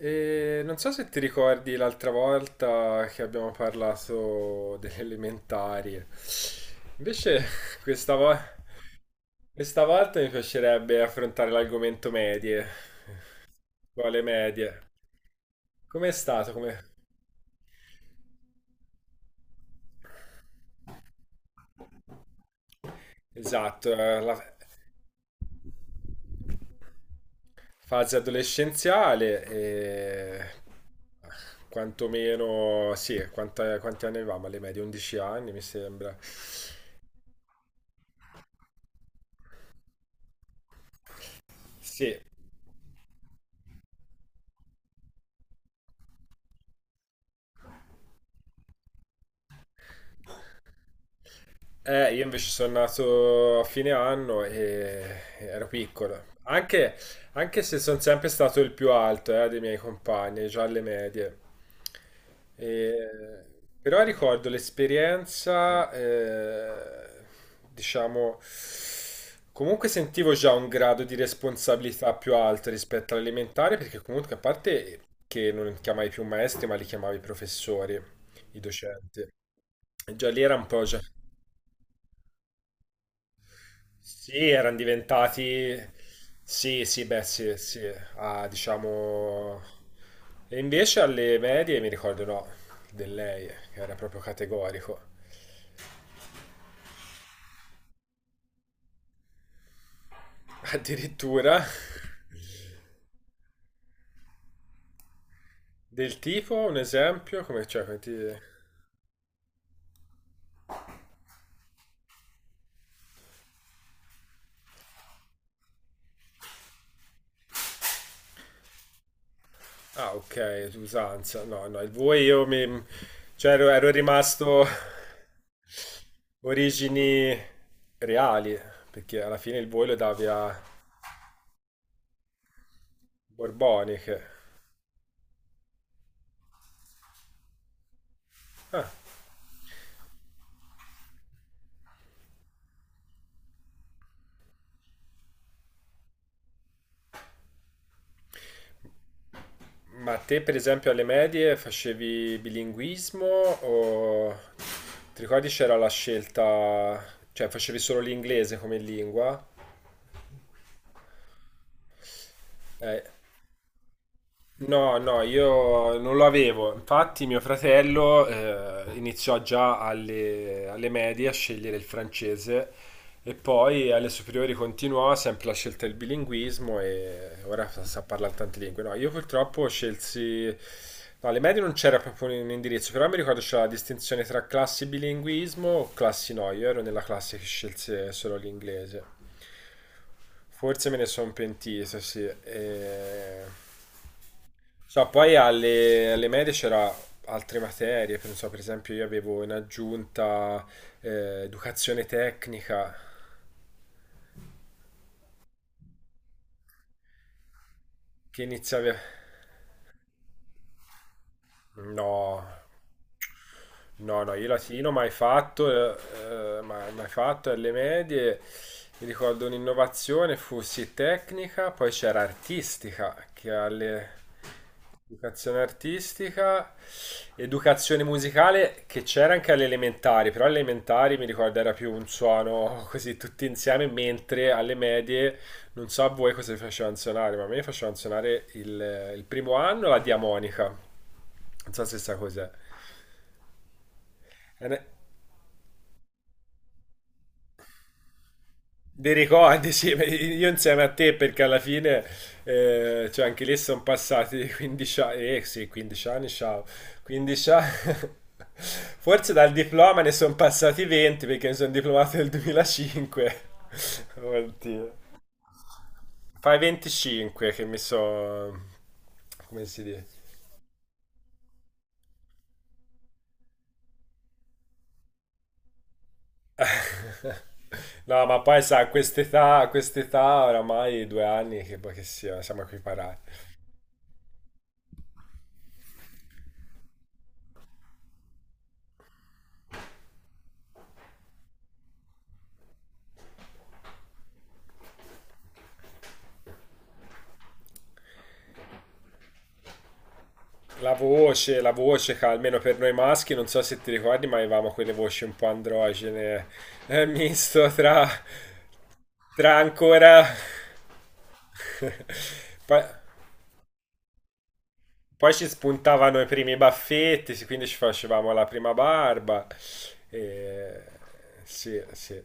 E non so se ti ricordi l'altra volta che abbiamo parlato delle elementari. Invece questa, vo- questa volta mi piacerebbe affrontare l'argomento medie. Quale medie? Com'è stato? Come... Esatto, la fase adolescenziale eh, quantomeno, sì, quanti anni avevamo alle medie? 11 anni mi sembra. Sì, eh, io invece sono nato a fine anno e ero piccolo. Anche, anche se sono sempre stato il più alto, dei miei compagni, già alle medie. E- però ricordo l'esperienza, diciamo, comunque sentivo già un grado di responsabilità più alto rispetto all'elementare, perché comunque a parte che non chiamavi più maestri, ma li chiamavi professori, i docenti. E già lì era un po' già... Sì, erano diventati... Sì, sì, beh, sì, sì. Ah, diciamo... E invece alle medie mi ricordo no, di lei, che era proprio categorico. Addirittura del tipo, un esempio, come cioè, come ti- ah, ok, usanza. No, no, il voi io mi... Cioè ero rimasto origini reali, perché alla fine il voi lo davi a Borboniche. Ah, ma te, per esempio, alle medie facevi bilinguismo o ti ricordi c'era la scelta, cioè facevi solo l'inglese come lingua? Eh, No, no, io non lo avevo. Infatti, mio fratello iniziò già alle medie a scegliere il francese e poi alle superiori continuò sempre la scelta del bilinguismo e ora sa, sa parlare tante lingue. No, io purtroppo scelsi. No, alle medie non c'era proprio un indirizzo, però mi ricordo c'era la distinzione tra classi bilinguismo o classi no. Io ero nella classe che scelse solo l'inglese. Forse me ne sono pentito, sì. E... so, poi alle medie c'era altre materie, non so, per esempio io avevo in aggiunta educazione tecnica che iniziava... No, no, no, io latino mai fatto, mai, mai fatto alle medie. Mi ricordo un'innovazione fu sì tecnica, poi c'era artistica, che alle... Educazione artistica, educazione musicale che c'era anche alle elementari, però alle elementari mi ricordo era più un suono così tutti insieme, mentre alle medie non so a voi cosa vi facevano suonare, ma a me facevano suonare il primo anno la diamonica. Non so se sa cos'è. È una- dei ricordi, sì, ma io insieme a te perché alla fine, cioè anche lì sono passati 15 anni, eh sì, 15 anni, ciao, 15 anni, forse dal diploma ne sono passati 20 perché mi sono diplomato nel 2005, oddio, fai 25 che mi so, come si dice? No, ma poi sa, a quest'età oramai 2 anni che, boh, che sia, siamo equiparati. La voce, ca- almeno per noi maschi, non so se ti ricordi, ma avevamo quelle voci un po' androgene, misto tra, tra ancora... Poi, poi ci spuntavano i primi baffetti, sì, quindi ci facevamo la prima barba. E... sì, sì.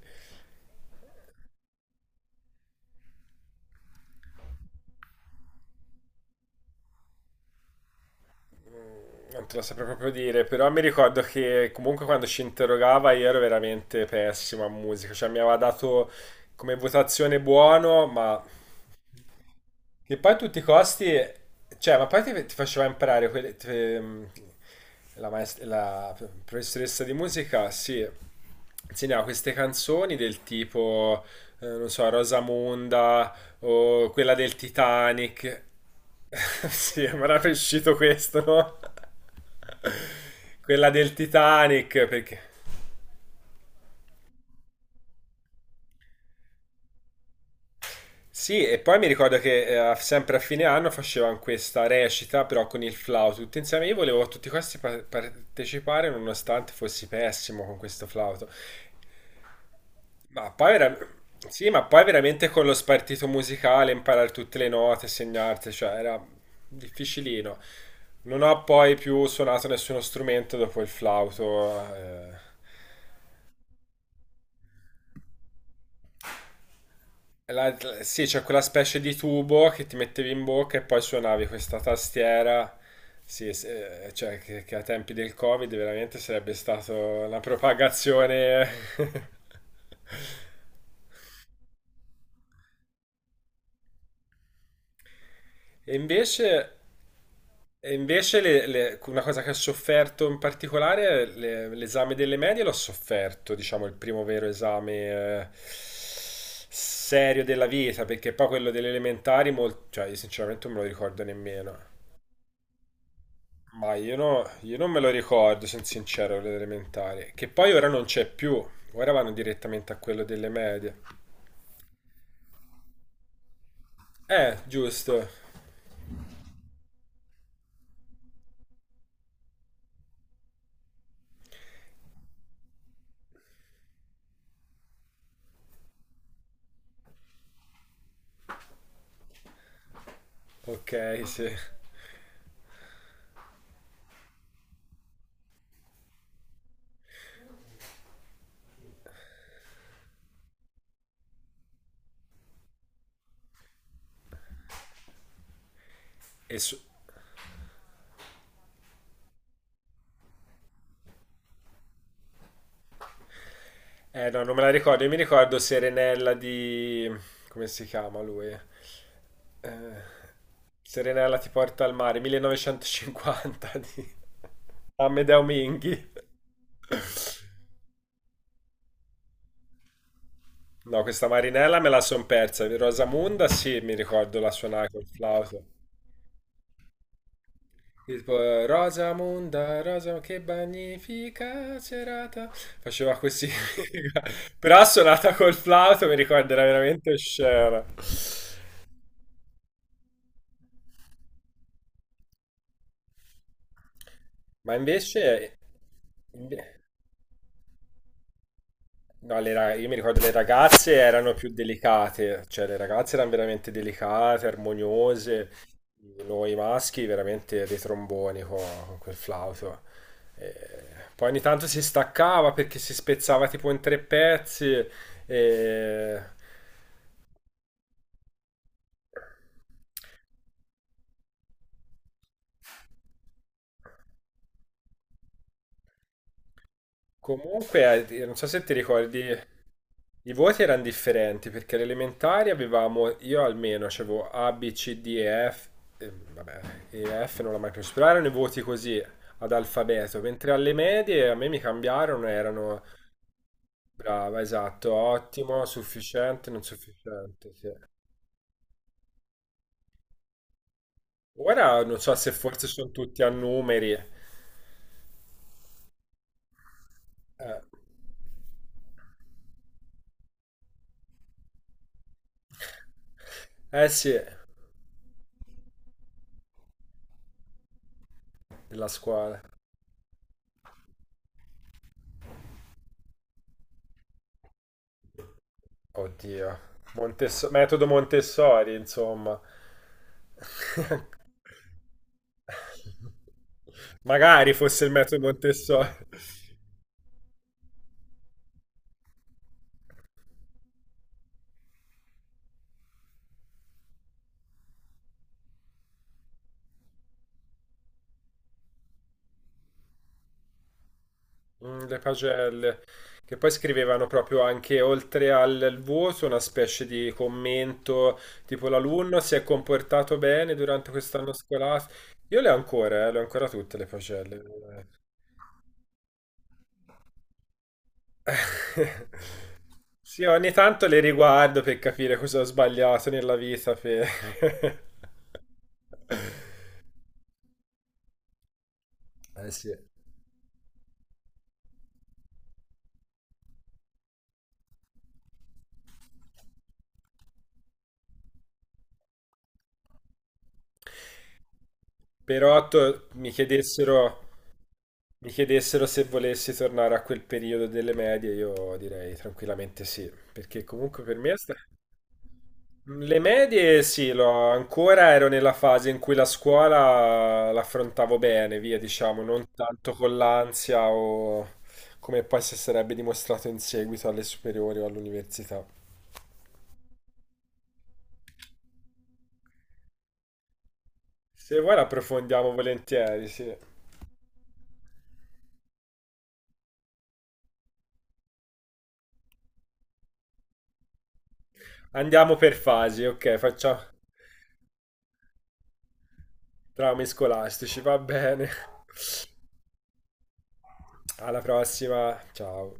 Non te lo saprei proprio dire, però mi ricordo che comunque quando ci interrogava io ero veramente pessimo a musica, cioè mi aveva dato come votazione buono, ma che poi a tutti i costi, cioè, ma poi ti faceva imparare quelle, la, maest- la professoressa di musica, sì, insegnava queste canzoni del tipo, non so, Rosamunda o quella del Titanic. Sì, mi era uscito questo, no? Quella del Titanic, perché... sì, e poi mi ricordo che a- sempre a fine anno facevano questa recita, però con il flauto, tutti insieme. Io volevo a tutti questi pa- partecipare, nonostante fossi pessimo con questo flauto. Ma poi era... sì, ma poi veramente con lo spartito musicale, imparare tutte le note, segnarti, cioè era difficilino. Non ho poi più suonato nessuno strumento dopo il flauto. Eh. Sì, c'è quella specie di tubo che ti mettevi in bocca e poi suonavi questa tastiera. Sì, se- cioè che a tempi del Covid veramente sarebbe stata una propagazione. E invece, e invece una cosa che ho sofferto in particolare, le- l'esame delle medie l'ho sofferto, diciamo, il primo vero esame serio della vita, perché poi quello delle elementari, mol- cioè io sinceramente non me lo ricordo nemmeno. Ma io, no- io non me lo ricordo, sono sincero, l'elementare. Che poi ora non c'è più. Ora vanno direttamente a quello delle medie. Giusto. Ok, sì. E su- eh no, non me la ricordo. Io mi ricordo Serenella di... come si chiama lui? Eh, Serenella ti porta al mare, 1950 di Amedeo Minghi. No, questa Marinella me la son persa. Di Rosamunda sì, mi ricordo la suonare col flauto. Il po- Rosamunda, Rosa, che magnifica serata. Faceva così. Però suonata col flauto mi ricorderà veramente scena. Ma invece... no, le ra- io mi ricordo le ragazze erano più delicate, cioè le ragazze erano veramente delicate, armoniose, noi maschi veramente dei tromboni co- con, quel flauto. Eh, poi ogni tanto si staccava perché si spezzava tipo in 3 pezzi. E comunque, non so se ti ricordi, i voti erano differenti perché alle elementari avevamo, io almeno avevo A, B, C, D e F, vabbè, E, F non l'ho mai preso, però erano i voti così ad alfabeto, mentre alle medie a me mi cambiarono, erano brava, esatto, ottimo, sufficiente, non sufficiente, sì. Ora non so se forse sono tutti a numeri. Eh, eh sì, della scuola. Oddio. Montesso- metodo Montessori, insomma. Magari fosse il metodo Montessori. Mm, le pagelle. Che poi scrivevano proprio anche oltre al al voto una specie di commento tipo l'alunno si è comportato bene durante quest'anno scolastico. Io le ho ancora tutte le pagelle. Sì, ogni tanto le riguardo per capire cosa ho sbagliato nella vita. Per- eh sì. Però to- mi chiedessero. Mi chiedessero se volessi tornare a quel periodo delle medie, io direi tranquillamente sì, perché comunque per me è sta- le medie sì, l'ho- ancora ero nella fase in cui la scuola l'affrontavo bene, via, diciamo, non tanto con l'ansia o come poi si sarebbe dimostrato in seguito alle superiori o all'università. Se vuoi l'approfondiamo volentieri, sì. Andiamo per fasi, ok, facciamo traumi scolastici, va bene. Alla prossima, ciao.